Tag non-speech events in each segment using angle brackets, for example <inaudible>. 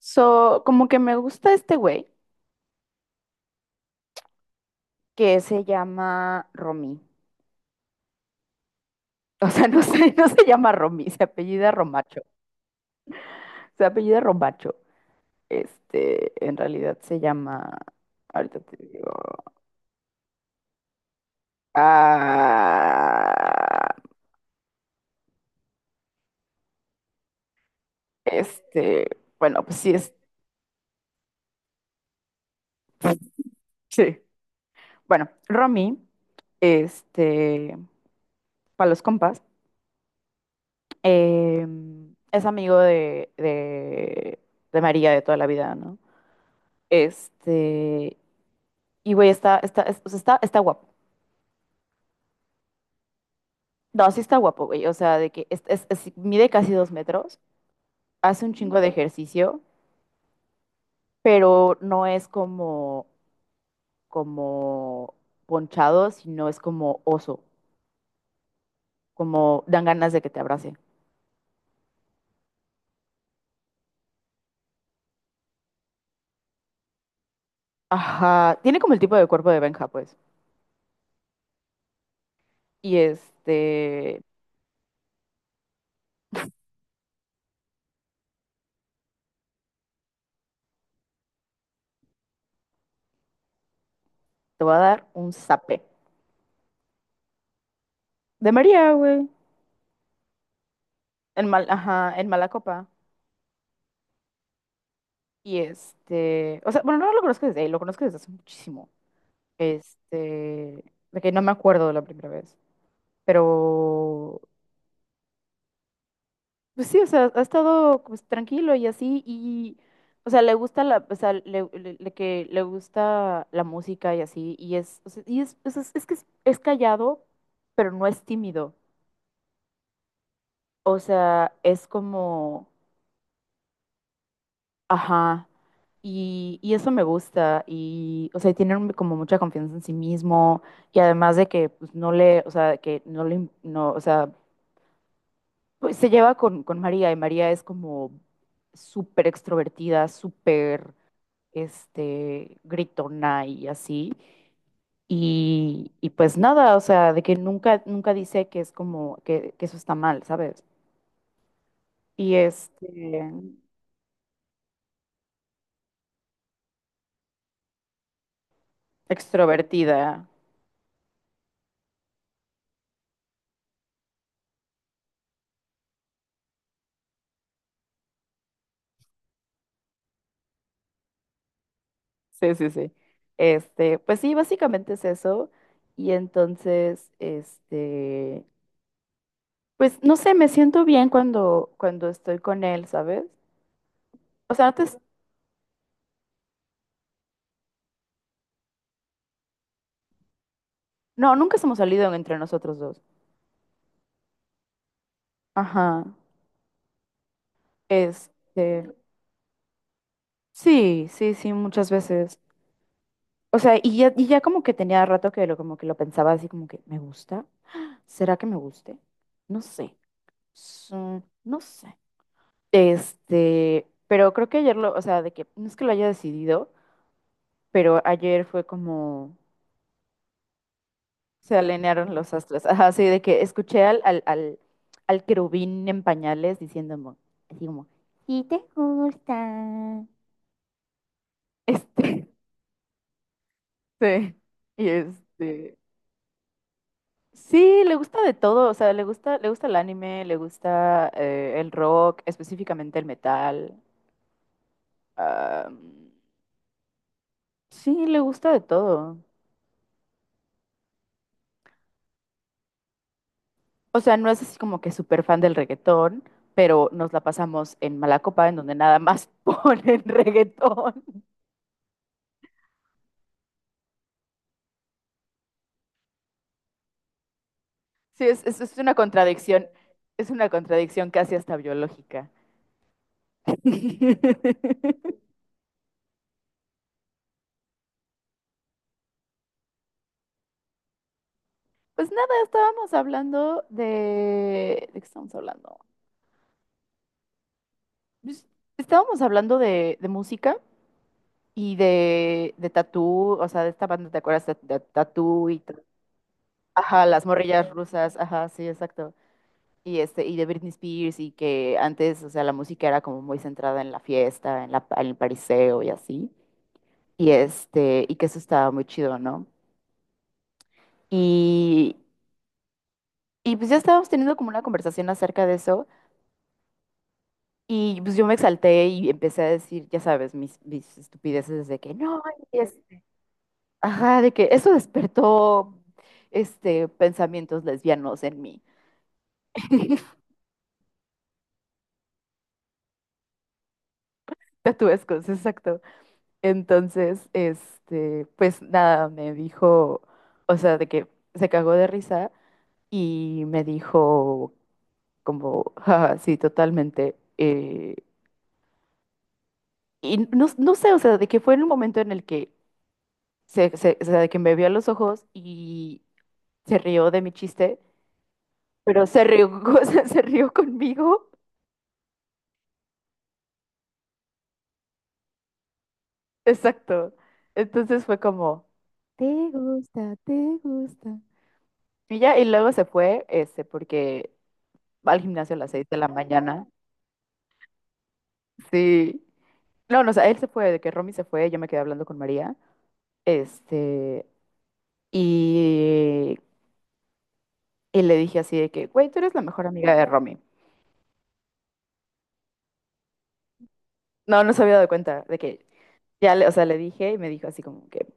So, como que me gusta este güey que se llama Romy. <laughs> O sea, no sé, <laughs> no se llama Romy, se apellida Romacho. Se apellida Romacho. En realidad se llama. Ahorita te digo. Ah, este, bueno, pues sí es. <laughs> Sí. Bueno, Romy, este, para los compas, es amigo de María de toda la vida, ¿no? Este, Y güey, está, está, es- o sea, está, está guapo. No, sí está guapo, güey. O sea, de que mide casi 2 metros, hace un chingo de ejercicio, pero no es como ponchado, sino es como oso, como dan ganas de que te abrace. Ajá, tiene como el tipo de cuerpo de Benja, pues. Y te va a dar un zape. De María, güey. Ajá, en mala copa. Y o sea, bueno, no lo conozco desde ahí, lo conozco desde hace muchísimo. Este, de que no me acuerdo de la primera vez. Pero, pues sí, o sea, ha estado pues, tranquilo y así. Y, o sea, le gusta la, o sea, le que le gusta la música y así. Es callado, pero no es tímido. O sea, es como, ajá. Y eso me gusta. Y, o sea, tienen como mucha confianza en sí mismo. Y además de que, pues, no le, o sea, que no le, im- no, o sea, pues se lleva con María y María es como súper extrovertida, súper gritona y así. Y pues nada, o sea, de que nunca, nunca dice que es como que eso está mal, ¿sabes? Y extrovertida, sí, sí, sí. Pues sí, básicamente es eso. Y entonces, pues no sé, me siento bien cuando, cuando estoy con él, ¿sabes? O sea, antes. No, nunca hemos salido entre nosotros dos. Ajá. Este, sí, sí, sí, muchas veces. O sea, y ya como que tenía rato que lo, como que lo pensaba así como que, ¿me gusta? ¿Será que me guste? No sé. Sí, no sé. Pero creo que ayer lo, o sea, de que, no es que lo haya decidido, pero ayer fue como, se alinearon los astros. Ajá, sí, de que escuché al querubín en pañales diciéndome, así como, si te gusta. Este, <laughs> sí, y sí, le gusta de todo, o sea, le gusta el anime, le gusta el rock, específicamente el metal, ah, sí, le gusta de todo. O sea, no es así como que súper fan del reggaetón, pero nos la pasamos en Malacopa, en donde nada más <laughs> ponen reggaetón. Sí, es una contradicción, es una contradicción casi hasta biológica. <laughs> Pues nada, estábamos hablando de. ¿De qué estábamos hablando? Pues, estábamos hablando de música y de Tatú, o sea, de esta banda, ¿te acuerdas? De Tatú y Ajá, las morrillas rusas, ajá, sí, exacto. Y, y de Britney Spears y que antes, o sea, la música era como muy centrada en la fiesta, en el pariseo y así. Y, y que eso estaba muy chido, ¿no? Y, y pues ya estábamos teniendo como una conversación acerca de eso. Y pues yo me exalté y empecé a decir, ya sabes, mis estupideces de que no, y es- ajá, de que eso despertó este pensamientos lesbianos en mí. <laughs> Tatuescos, exacto. Entonces, pues nada, me dijo, o sea, de que se cagó de risa y me dijo como, "Ja, sí, totalmente. Y no, no sé, o sea, de que fue en un momento en el que o sea, de que me vio a los ojos y se rió de mi chiste, pero se rió, <laughs> o sea, se rió conmigo. Exacto. Entonces fue como, te gusta, te gusta. Y ya, y luego se fue, porque va al gimnasio a las 6 de la mañana. Sí. No, no, o sea, él se fue, de que Romy se fue, yo me quedé hablando con María. Este, y, y le dije así de que, güey, tú eres la mejor amiga de Romy. No, no se había dado cuenta de que ya, le, o sea, le dije y me dijo así como que,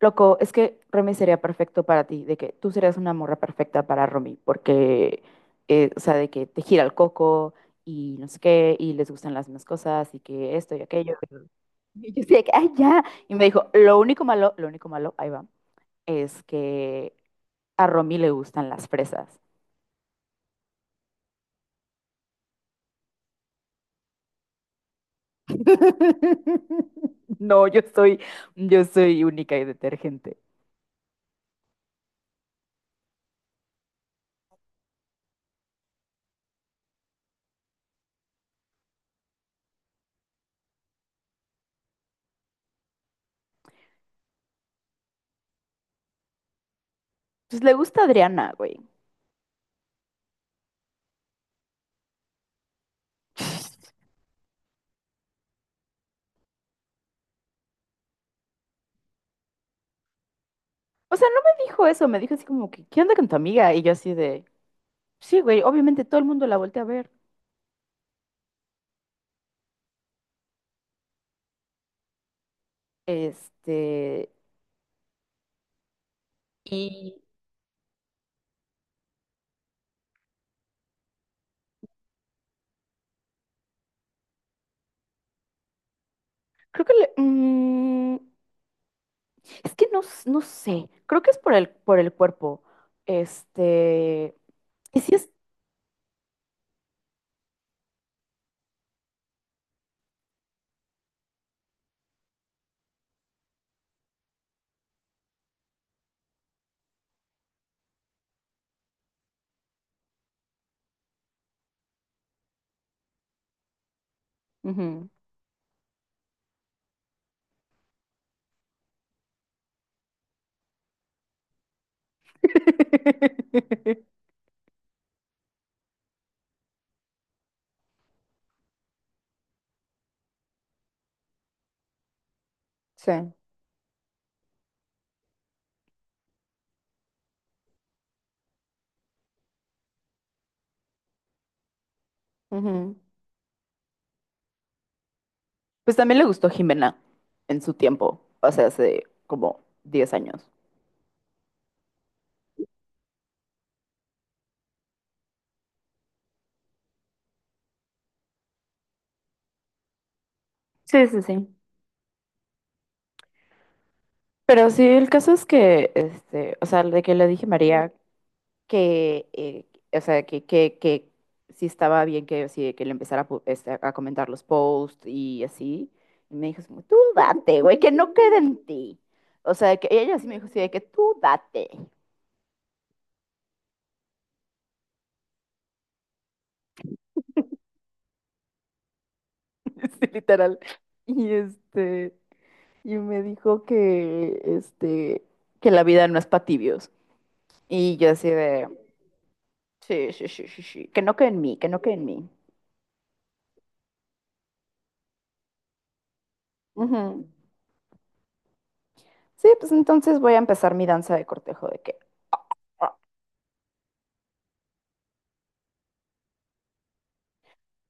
loco, es que Romy sería perfecto para ti, de que tú serías una morra perfecta para Romy, porque, o sea, de que te gira el coco y no sé qué, y les gustan las mismas cosas y que esto y aquello. Y yo así de que, ay, ya. Y me dijo, lo único malo, ahí va, es que a Romy le gustan las fresas. <laughs> No, yo soy única y detergente. Pues le gusta Adriana, güey. <laughs> O sea, no me dijo eso, me dijo así como que, ¿qué onda con tu amiga? Y yo así de, sí, güey, obviamente todo el mundo la voltea a ver. Este, y creo que es que no, no sé, creo que es por por el cuerpo. Este, y sí es. Ujú. <laughs> Sí. Ujú. Pues también le gustó Jimena en su tiempo, o sea, hace como 10 años. Sí, sí, sí. Pero sí, el caso es que, o sea, de que le dije María, que, o sea, que sí estaba bien que, sí, que le empezara a, a comentar los posts y así. Y me dijo, así como, tú date, güey, que no quede en ti. O sea, que ella sí me dijo, sí, de que tú date, <laughs> sí, literal. Y este, y me dijo que, que la vida no es para tibios. Y yo así de, sí, sí, sí, sí, sí, que no quede en mí, que no quede en mí. Ujú. Sí, pues entonces voy a empezar mi danza de cortejo de que.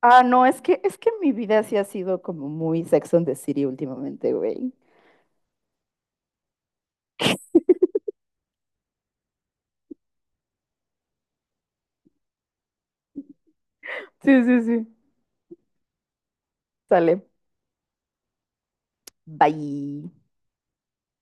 Ah, no, es que mi vida sí ha sido como muy Sex and the City últimamente, güey. Sí, sí, sí. Sale, bye.